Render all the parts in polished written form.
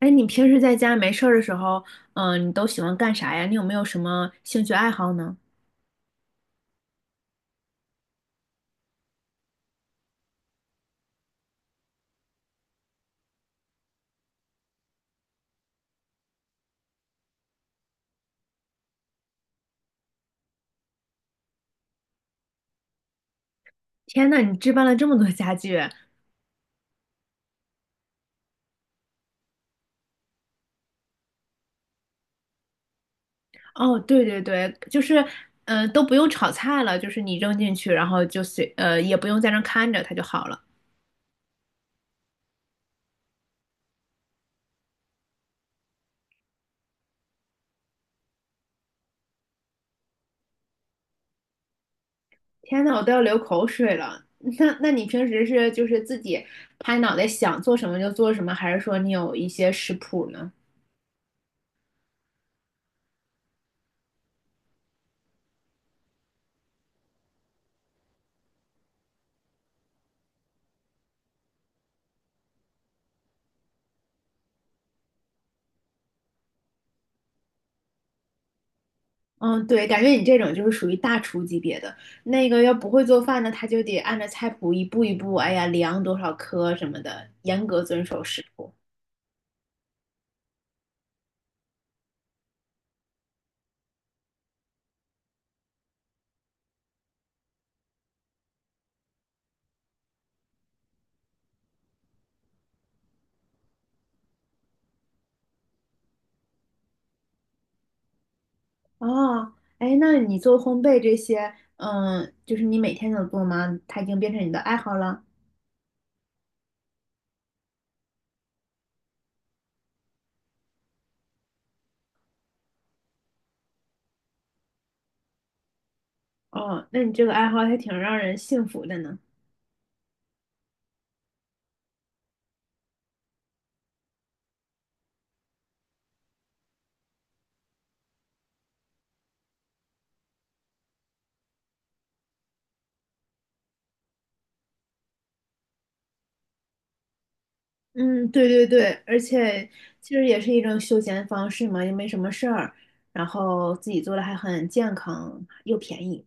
哎，你平时在家没事儿的时候，你都喜欢干啥呀？你有没有什么兴趣爱好呢？天呐，你置办了这么多家具！哦，对对对，都不用炒菜了，就是你扔进去，然后就随，呃，也不用在那儿看着它就好了。天呐，我都要流口水了。那你平时是就是自己拍脑袋想做什么就做什么，还是说你有一些食谱呢？嗯，对，感觉你这种就是属于大厨级别的，那个要不会做饭呢，他就得按照菜谱一步一步，哎呀，量多少克什么的，严格遵守食谱。哦，哎，那你做烘焙这些，嗯，就是你每天都做吗？它已经变成你的爱好了。哦，那你这个爱好还挺让人幸福的呢。嗯，对对对，而且其实也是一种休闲方式嘛，也没什么事儿，然后自己做的还很健康又便宜。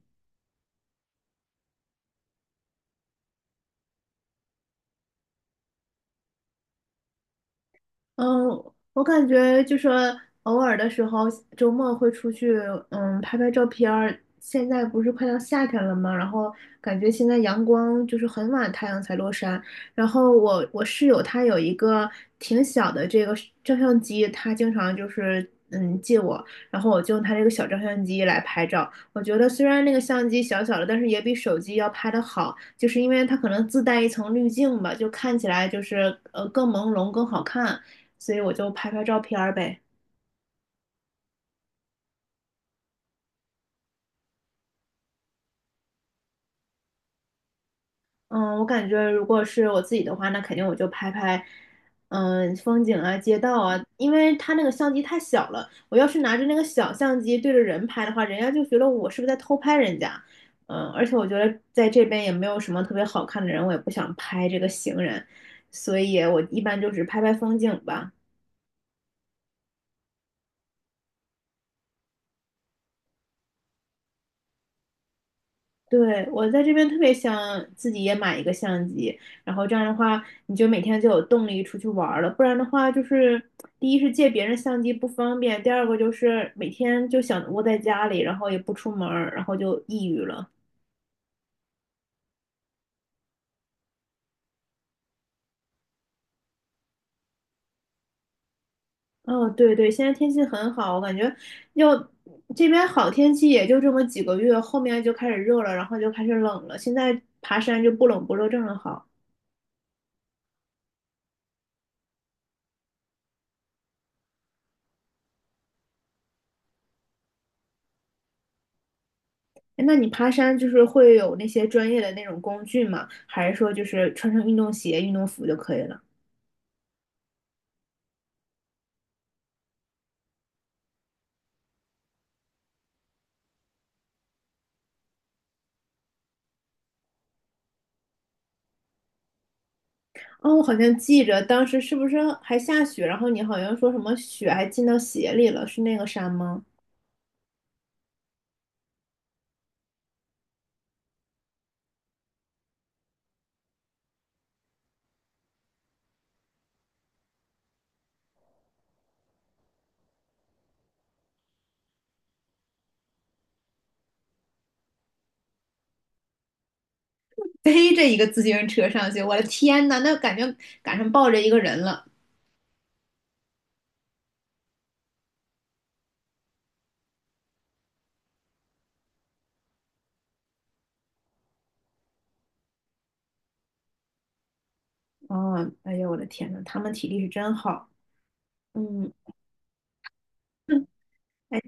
嗯，我感觉就说偶尔的时候，周末会出去，嗯，拍拍照片儿。现在不是快到夏天了吗？然后感觉现在阳光就是很晚太阳才落山。然后我室友他有一个挺小的这个照相机，他经常就是嗯借我，然后我就用他这个小照相机来拍照。我觉得虽然那个相机小小的，但是也比手机要拍的好，就是因为它可能自带一层滤镜吧，就看起来就是更朦胧更好看。所以我就拍拍照片儿呗。嗯，我感觉如果是我自己的话，那肯定我就拍拍，嗯，风景啊、街道啊，因为它那个相机太小了，我要是拿着那个小相机对着人拍的话，人家就觉得我是不是在偷拍人家。嗯，而且我觉得在这边也没有什么特别好看的人，我也不想拍这个行人，所以我一般就只拍拍风景吧。对，我在这边特别想自己也买一个相机，然后这样的话，你就每天就有动力出去玩儿了。不然的话，就是第一是借别人相机不方便，第二个就是每天就想窝在家里，然后也不出门儿，然后就抑郁了。哦，对对，现在天气很好，我感觉要这边好天气也就这么几个月，后面就开始热了，然后就开始冷了。现在爬山就不冷不热，正好。哎那你爬山就是会有那些专业的那种工具吗？还是说就是穿上运动鞋、运动服就可以了？哦，我好像记着当时是不是还下雪，然后你好像说什么雪还进到鞋里了，是那个山吗？背着一个自行车上去，我的天呐，那感觉赶上抱着一个人了。哦，哎呦，我的天呐，他们体力是真好。嗯，嗯哎，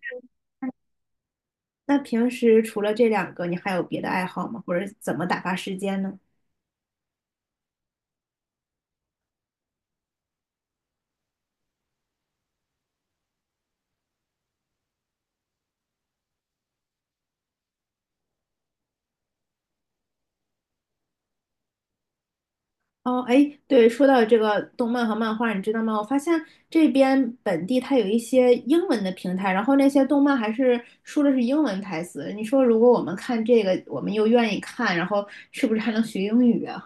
那平时除了这两个，你还有别的爱好吗？或者怎么打发时间呢？哦，哎，对，说到这个动漫和漫画，你知道吗？我发现这边本地它有一些英文的平台，然后那些动漫还是说的是英文台词。你说如果我们看这个，我们又愿意看，然后是不是还能学英语啊？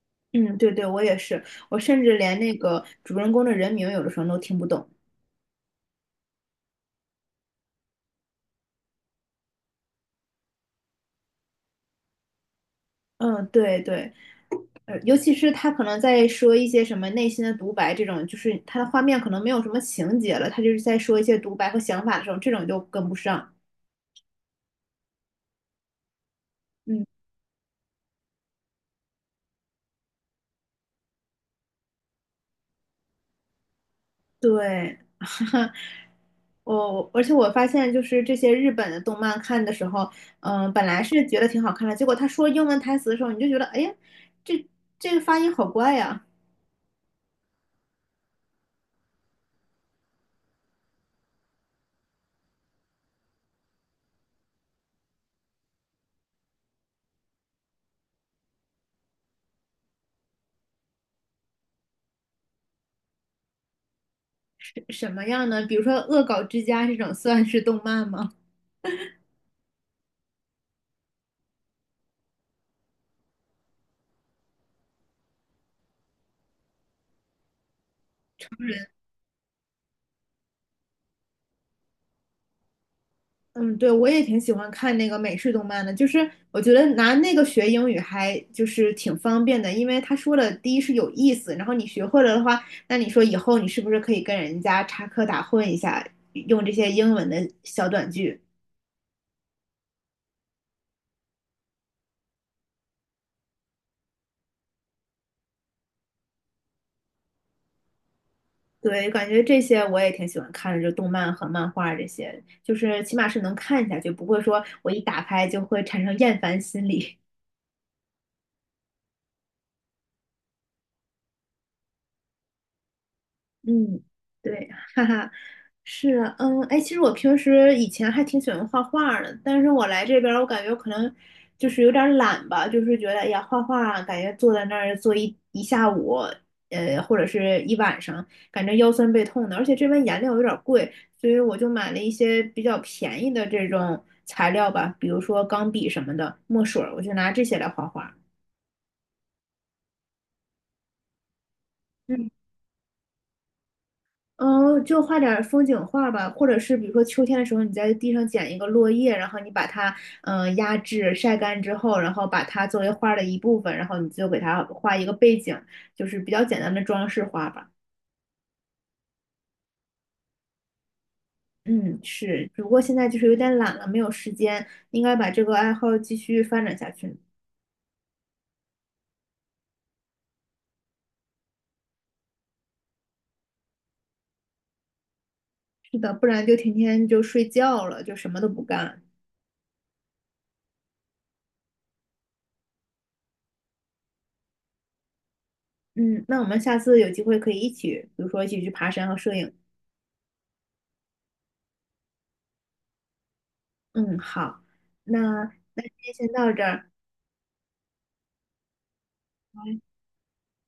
嗯，对对，我也是，我甚至连那个主人公的人名有的时候都听不懂。嗯，对对，尤其是他可能在说一些什么内心的独白这种，就是他的画面可能没有什么情节了，他就是在说一些独白和想法的时候，这种就跟不上。嗯，对，我而且我发现，就是这些日本的动漫看的时候，本来是觉得挺好看的，结果他说英文台词的时候，你就觉得，哎呀，这这个发音好怪呀，是什么样呢？比如说《恶搞之家》这种算是动漫吗？嗯，对，我也挺喜欢看那个美式动漫的，就是我觉得拿那个学英语还就是挺方便的，因为他说的第一是有意思，然后你学会了的话，那你说以后你是不是可以跟人家插科打诨一下，用这些英文的小短句？对，感觉这些我也挺喜欢看的，就动漫和漫画这些，就是起码是能看下去，不会说我一打开就会产生厌烦心理。嗯，对，哈哈，是，嗯，哎，其实我平时以前还挺喜欢画画儿的，但是我来这边儿，我感觉我可能就是有点儿懒吧，就是觉得，哎呀，画画感觉坐在那儿坐一下午，或者是一晚上，感觉腰酸背痛的，而且这边颜料有点儿贵，所以我就买了一些比较便宜的这种材料吧，比如说钢笔什么的，墨水儿，我就拿这些来画画。嗯。嗯，就画点儿风景画吧，或者是比如说秋天的时候，你在地上捡一个落叶，然后你把它压制晒干之后，然后把它作为画儿的一部分，然后你就给它画一个背景，就是比较简单的装饰画吧。嗯，是，只不过现在就是有点懒了，没有时间，应该把这个爱好继续发展下去。是的，不然就天天就睡觉了，就什么都不干。嗯，那我们下次有机会可以一起，比如说一起去爬山和摄影。嗯，好，那今天先到这儿。